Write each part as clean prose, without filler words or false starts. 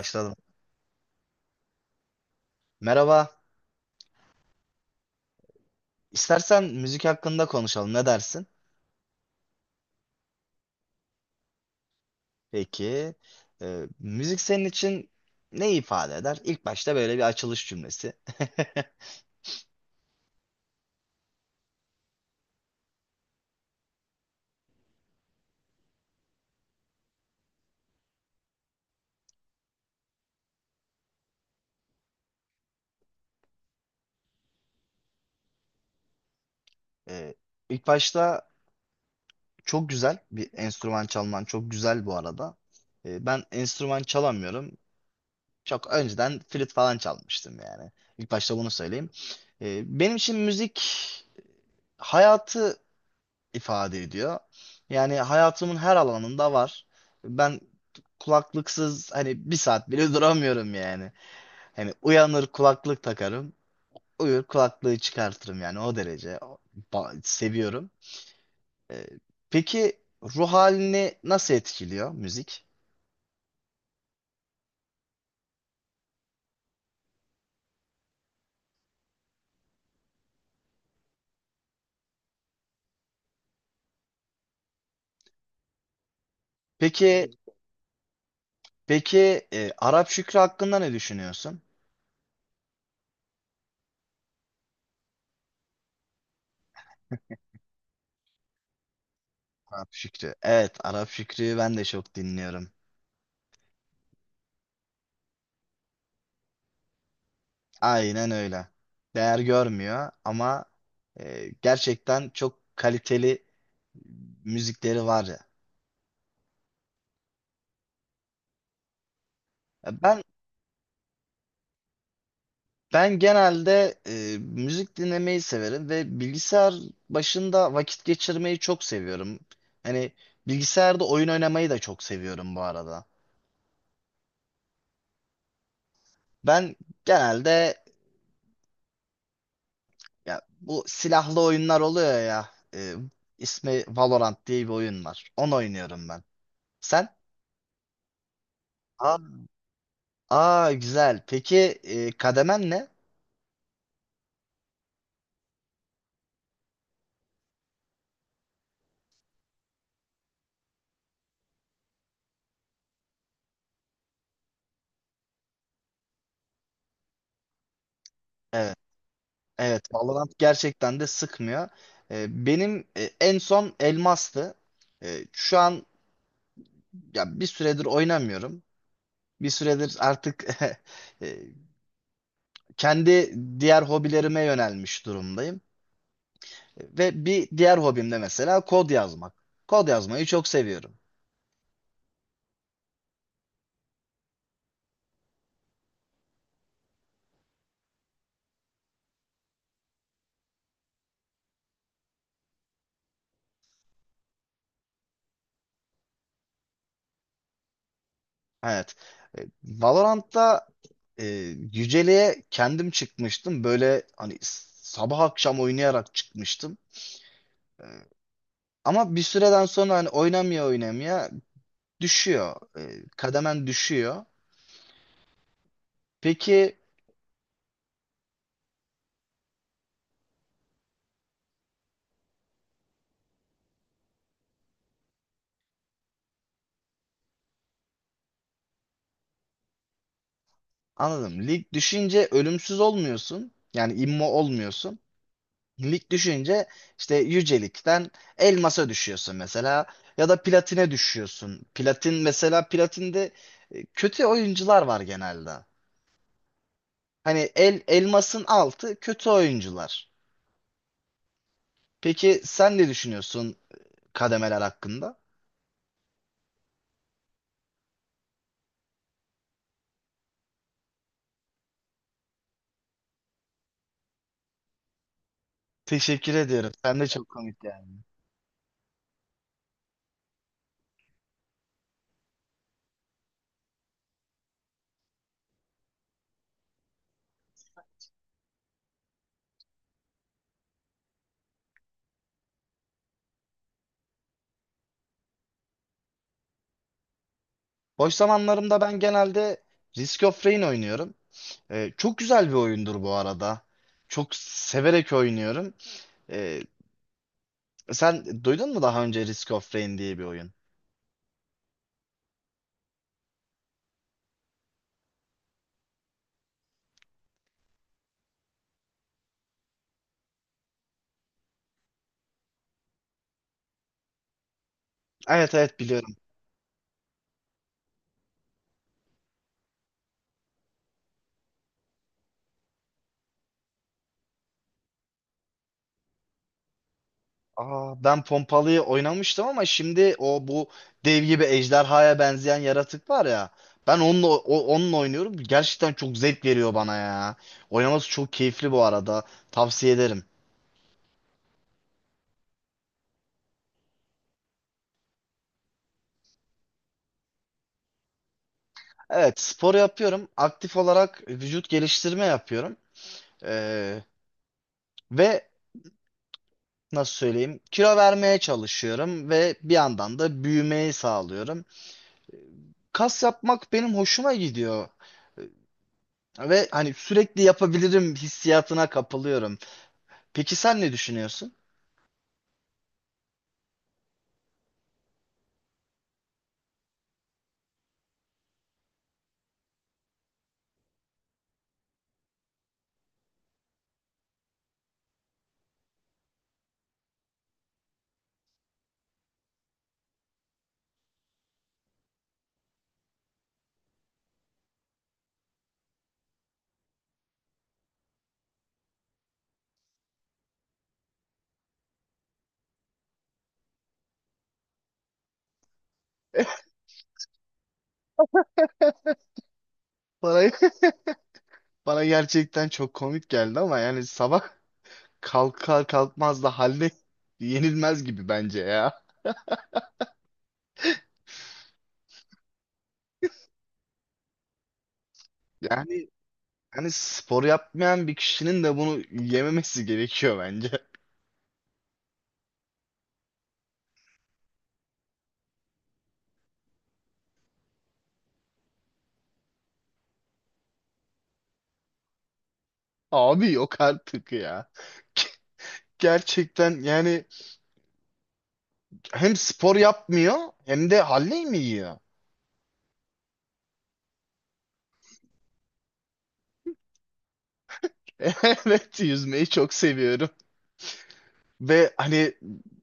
Başladım. Merhaba. İstersen müzik hakkında konuşalım. Ne dersin? Peki. Müzik senin için ne ifade eder? İlk başta böyle bir açılış cümlesi. Ee, ilk başta çok güzel bir enstrüman çalman. Çok güzel bu arada. Ben enstrüman çalamıyorum. Çok önceden flüt falan çalmıştım yani. İlk başta bunu söyleyeyim. Benim için müzik hayatı ifade ediyor. Yani hayatımın her alanında var. Ben kulaklıksız hani bir saat bile duramıyorum yani. Hani uyanır kulaklık takarım, uyur kulaklığı çıkartırım yani o derece seviyorum. Ee, peki ruh halini nasıl etkiliyor müzik? Peki peki Arap Şükrü hakkında ne düşünüyorsun? Arap Şükrü. Evet, Arap Şükrü'yü ben de çok dinliyorum. Aynen öyle. Değer görmüyor ama gerçekten çok kaliteli müzikleri var ya. Ya, ben genelde müzik dinlemeyi severim ve bilgisayar başında vakit geçirmeyi çok seviyorum. Hani bilgisayarda oyun oynamayı da çok seviyorum bu arada. Ben genelde ya bu silahlı oyunlar oluyor ya. İsmi Valorant diye bir oyun var. Onu oynuyorum ben. Sen? Aa. Aa güzel. Peki kademen ne? Evet. Evet. Valorant gerçekten de sıkmıyor. Benim en son elmastı. Şu an ya bir süredir oynamıyorum. Bir süredir artık e, kendi diğer hobilerime yönelmiş durumdayım. Ve bir diğer hobim de mesela kod yazmak. Kod yazmayı çok seviyorum. Evet. Valorant'ta e, yüceliğe kendim çıkmıştım. Böyle hani sabah akşam oynayarak çıkmıştım. Ama bir süreden sonra hani oynamaya oynamaya düşüyor. Kademen düşüyor. Peki anladım. Lig düşünce ölümsüz olmuyorsun. Yani immo olmuyorsun. Lig düşünce işte yücelikten elmasa düşüyorsun mesela. Ya da platine düşüyorsun. Platin mesela platinde kötü oyuncular var genelde. Hani elmasın altı kötü oyuncular. Peki sen ne düşünüyorsun kademeler hakkında? Teşekkür ediyorum. Sen de çok komik. Boş zamanlarımda ben genelde Risk of Rain oynuyorum. Çok güzel bir oyundur bu arada. Çok severek oynuyorum. Ee, Sen duydun mu daha önce Risk of Rain diye bir oyun? Evet evet biliyorum. Aa, ben Pompalı'yı oynamıştım ama şimdi o bu dev gibi ejderhaya benzeyen yaratık var ya. Ben onunla, onunla oynuyorum. Gerçekten çok zevk veriyor bana ya. Oynaması çok keyifli bu arada. Tavsiye ederim. Evet spor yapıyorum. Aktif olarak vücut geliştirme yapıyorum. Ee, Ve nasıl söyleyeyim? Kilo vermeye çalışıyorum ve bir yandan da büyümeyi sağlıyorum. Kas yapmak benim hoşuma gidiyor ve hani sürekli yapabilirim hissiyatına kapılıyorum. Peki sen ne düşünüyorsun? Bana, bana gerçekten çok komik geldi ama yani sabah kalkar kalkmaz da haline yenilmez gibi bence ya. Yani hani spor yapmayan bir kişinin de bunu yememesi gerekiyor bence. Abi yok artık ya. Gerçekten yani hem spor yapmıyor hem de Halley mi yiyor? Evet yüzmeyi çok seviyorum. Ve hani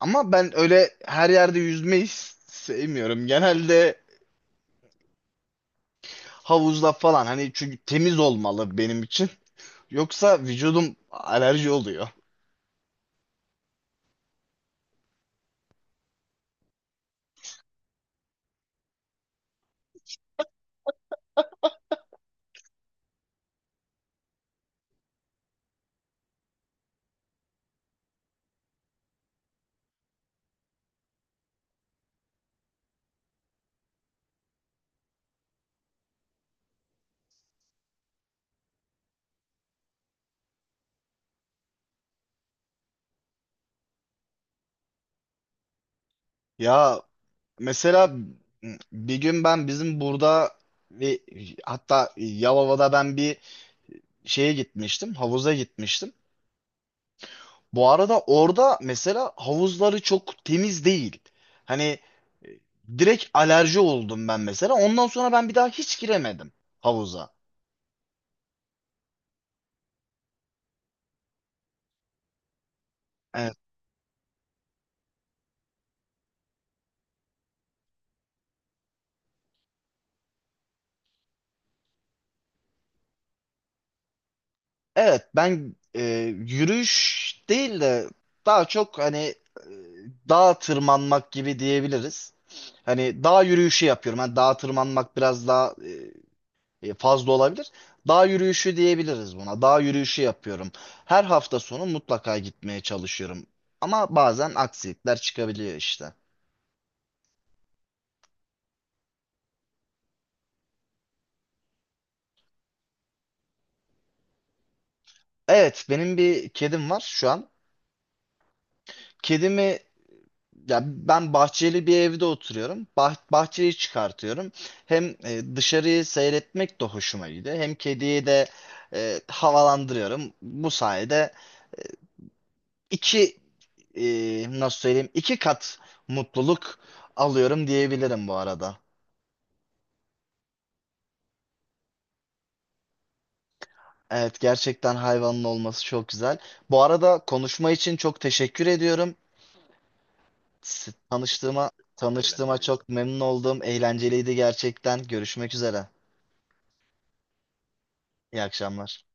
ama ben öyle her yerde yüzmeyi sevmiyorum. Genelde havuzda falan hani çünkü temiz olmalı benim için. Yoksa vücudum alerji oluyor. Ya mesela bir gün ben bizim burada ve hatta Yalova'da ben bir şeye gitmiştim, havuza gitmiştim. Bu arada orada mesela havuzları çok temiz değil. Hani e, direkt alerji oldum ben mesela. Ondan sonra ben bir daha hiç giremedim havuza. Evet, evet ben yürüyüş değil de daha çok hani dağa tırmanmak gibi diyebiliriz. Hani dağ yürüyüşü yapıyorum. Hani dağa tırmanmak biraz daha fazla olabilir. Dağ yürüyüşü diyebiliriz buna. Dağ yürüyüşü yapıyorum. Her hafta sonu mutlaka gitmeye çalışıyorum. Ama bazen aksilikler çıkabiliyor işte. Evet, benim bir kedim var şu an. Kedimi ya ben bahçeli bir evde oturuyorum. Bahçeyi çıkartıyorum. Hem dışarıyı seyretmek de hoşuma gidiyor. Hem kediyi de havalandırıyorum. Bu sayede iki e, nasıl söyleyeyim, iki kat mutluluk alıyorum diyebilirim bu arada. Evet gerçekten hayvanın olması çok güzel. Bu arada konuşma için çok teşekkür ediyorum. S- Tanıştığıma tanıştığıma çok memnun oldum. Eğlenceliydi gerçekten. Görüşmek üzere. İyi akşamlar.